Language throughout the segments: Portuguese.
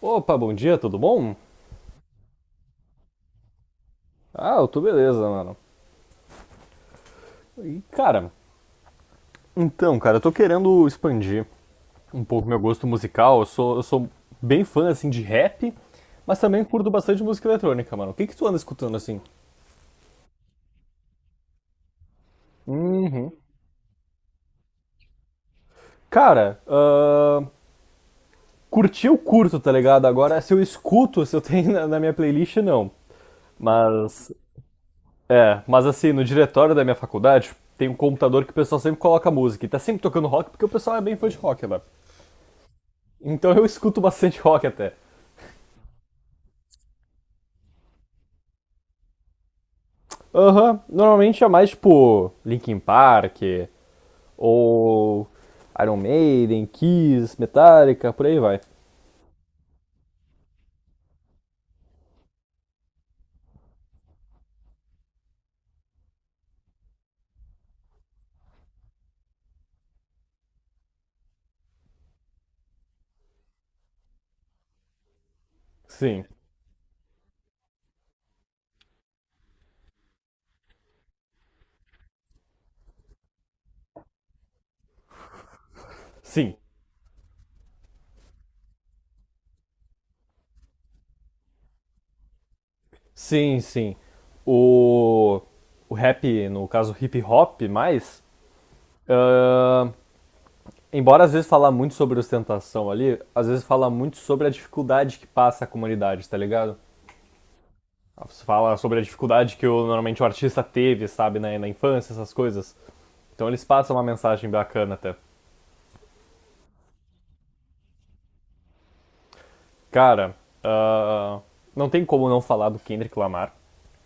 Opa, bom dia, tudo bom? Ah, eu tô beleza, mano. E, cara, então, cara, eu tô querendo expandir um pouco meu gosto musical. Eu sou bem fã, assim, de rap, mas também curto bastante música eletrônica, mano. O que que tu anda escutando, assim? Uhum. Cara, curtir eu curto, tá ligado? Agora, se eu escuto, se eu tenho na minha playlist, não. Mas, mas assim, no diretório da minha faculdade, tem um computador que o pessoal sempre coloca música. E tá sempre tocando rock, porque o pessoal é bem fã de rock lá. Então eu escuto bastante rock até. Aham, normalmente é mais tipo Linkin Park ou Iron Maiden, Kiss, Metallica, por aí vai. Sim, sim, sim, sim. O, o rap, no caso hip hop, mais, ah, embora às vezes falar muito sobre ostentação ali, às vezes fala muito sobre a dificuldade que passa a comunidade, tá ligado? Você fala sobre a dificuldade que o, normalmente o artista teve, sabe, né, na infância, essas coisas. Então eles passam uma mensagem bacana até. Cara, ah, não tem como não falar do Kendrick Lamar,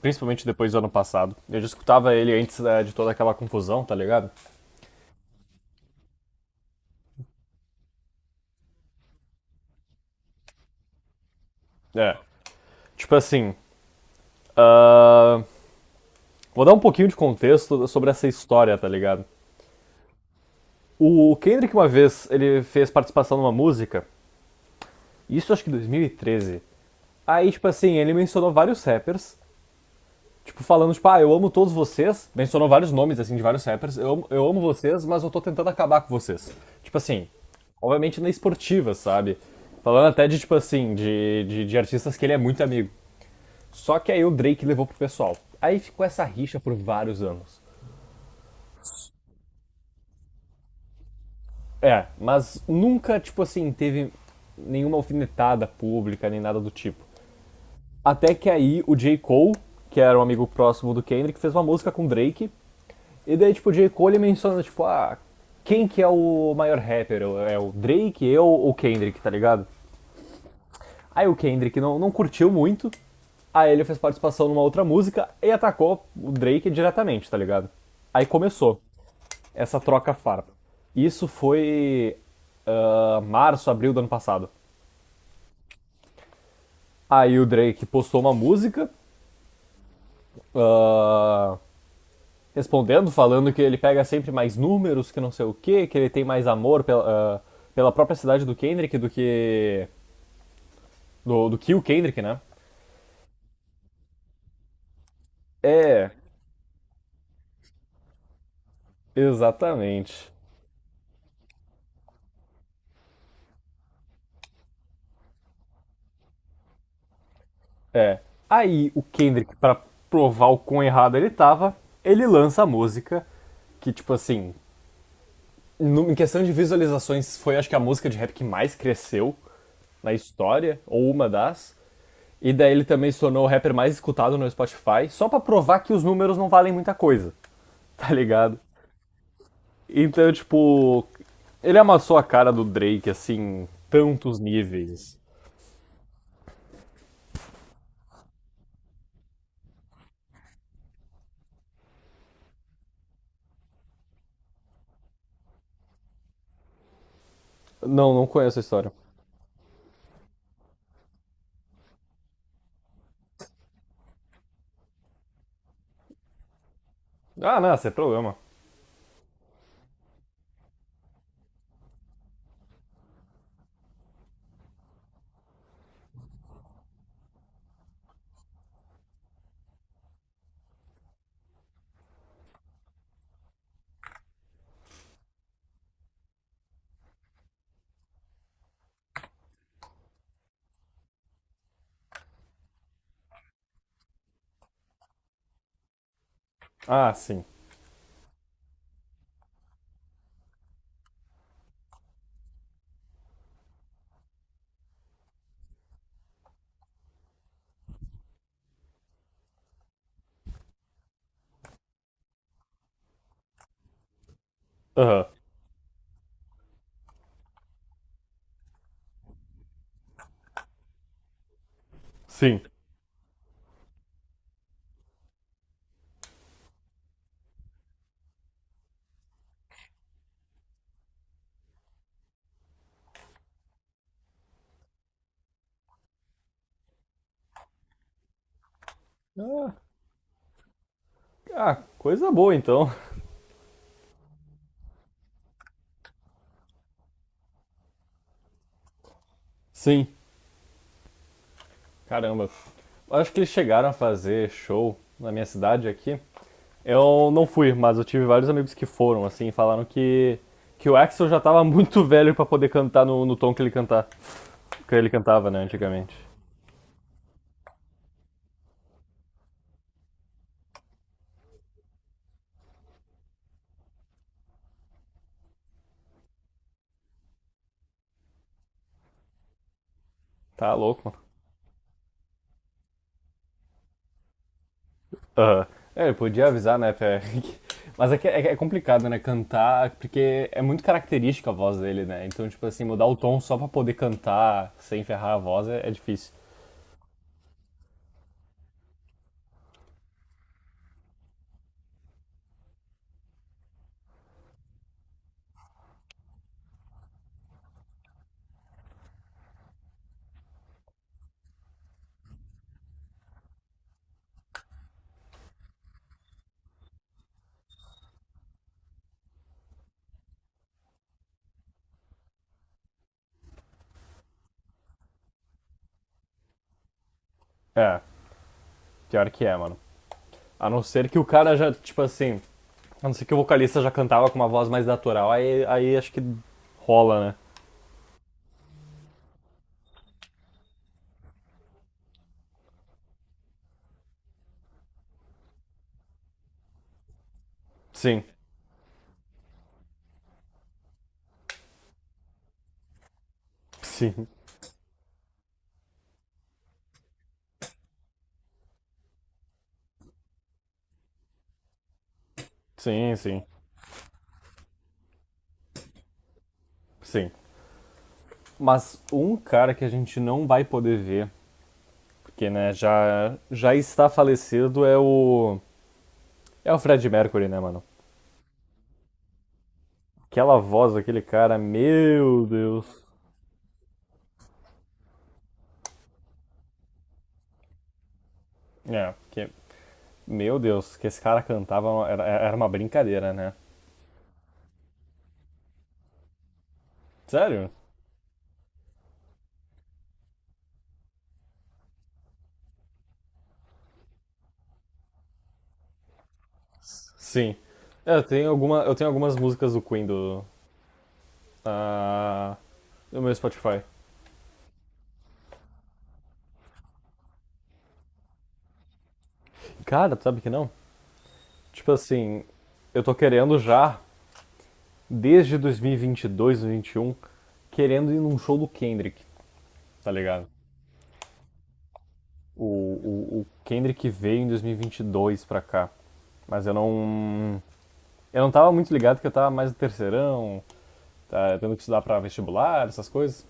principalmente depois do ano passado. Eu já escutava ele antes, né, de toda aquela confusão, tá ligado? É. Tipo assim, ah, vou dar um pouquinho de contexto sobre essa história, tá ligado? O Kendrick uma vez, ele fez participação numa música, isso acho que em 2013. Aí, tipo assim, ele mencionou vários rappers. Tipo, falando, tipo, ah, eu amo todos vocês. Mencionou vários nomes, assim, de vários rappers. Eu, amo vocês, mas eu tô tentando acabar com vocês. Tipo assim, obviamente na esportiva, sabe? Falando até de, tipo assim, de artistas que ele é muito amigo. Só que aí o Drake levou pro pessoal. Aí ficou essa rixa por vários anos. É, mas nunca, tipo assim, teve nenhuma alfinetada pública, nem nada do tipo. Até que aí o J. Cole, que era um amigo próximo do Kendrick, fez uma música com o Drake. E daí, tipo, J. Cole menciona, tipo, ah, quem que é o maior rapper? É o Drake, eu ou o Kendrick, tá ligado? Aí o Kendrick não curtiu muito, aí ele fez participação numa outra música e atacou o Drake diretamente, tá ligado? Aí começou essa troca farpa. Isso foi março, abril do ano passado. Aí o Drake postou uma música ah, respondendo, falando que ele pega sempre mais números, que não sei o que que ele tem mais amor pela, pela própria cidade do Kendrick do que. Do que o Kendrick, né? É, exatamente. É. Aí o Kendrick, pra provar o quão errado ele tava, ele lança a música que, tipo assim, em questão de visualizações, foi acho que a música de rap que mais cresceu na história, ou uma das. E daí ele também se tornou o rapper mais escutado no Spotify, só pra provar que os números não valem muita coisa. Tá ligado? Então, tipo, ele amassou a cara do Drake, assim, tantos níveis. Não, não conheço a história. Ah, não, sem problema. Ah, sim. Aham, sim. Ah, coisa boa então. Sim, caramba. Acho que eles chegaram a fazer show na minha cidade aqui. Eu não fui, mas eu tive vários amigos que foram, assim, e falaram que o Axel já tava muito velho pra poder cantar no, no tom que ele, cantar, que ele cantava, né, antigamente. Tá louco, mano. Aham. É, eu podia avisar, Mas é, que é, é complicado, né? Cantar, porque é muito característica a voz dele, né? Então, tipo assim, mudar o tom só pra poder cantar sem ferrar a voz é difícil. É, pior que é, mano. A não ser que o cara já, tipo assim, a não ser que o vocalista já cantava com uma voz mais natural, aí acho que rola, né? Sim, sim, sim, sim, sim. Mas um cara que a gente não vai poder ver, porque, né, já está falecido, é o Fred Mercury, né, mano? Aquela voz daquele cara, meu Deus. É, porque meu Deus, que esse cara cantava era uma brincadeira, né? Sério? Sim. É, eu tenho algumas músicas do Queen do, ah, do meu Spotify. Cara, tu sabe que não? Tipo assim, eu tô querendo já, desde 2022, 2021, querendo ir num show do Kendrick, tá ligado? O Kendrick veio em 2022 pra cá, mas eu não, eu não tava muito ligado que eu tava mais no terceirão, tá, tendo que estudar pra vestibular, essas coisas.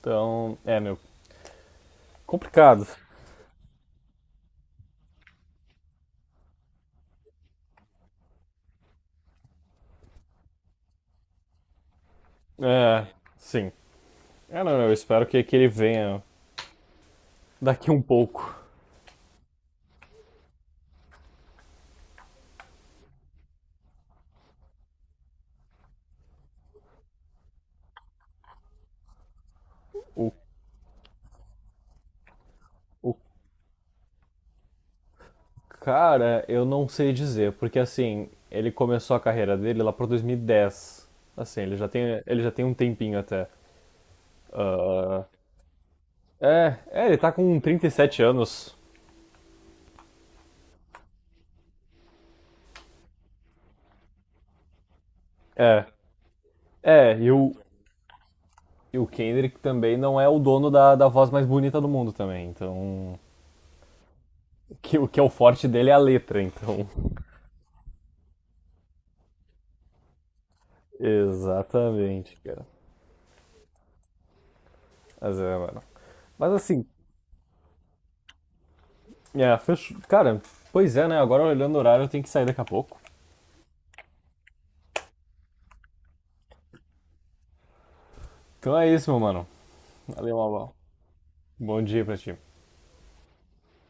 Então, é, meu, complicado. É, sim. É, não, eu espero que ele venha daqui um pouco. O, o cara, eu não sei dizer, porque assim, ele começou a carreira dele lá por 2010. Assim, ele já tem um tempinho até. É, é, ele tá com 37 anos. É, é, e o Kendrick também não é o dono da, da voz mais bonita do mundo também, então. Que o que é o forte dele é a letra, então. Exatamente, cara. Mas é, mano. Mas assim, é, fechou. Cara, pois é, né? Agora olhando o horário, eu tenho que sair daqui a pouco. Então é isso, meu mano. Valeu, Malval. Bom dia pra ti.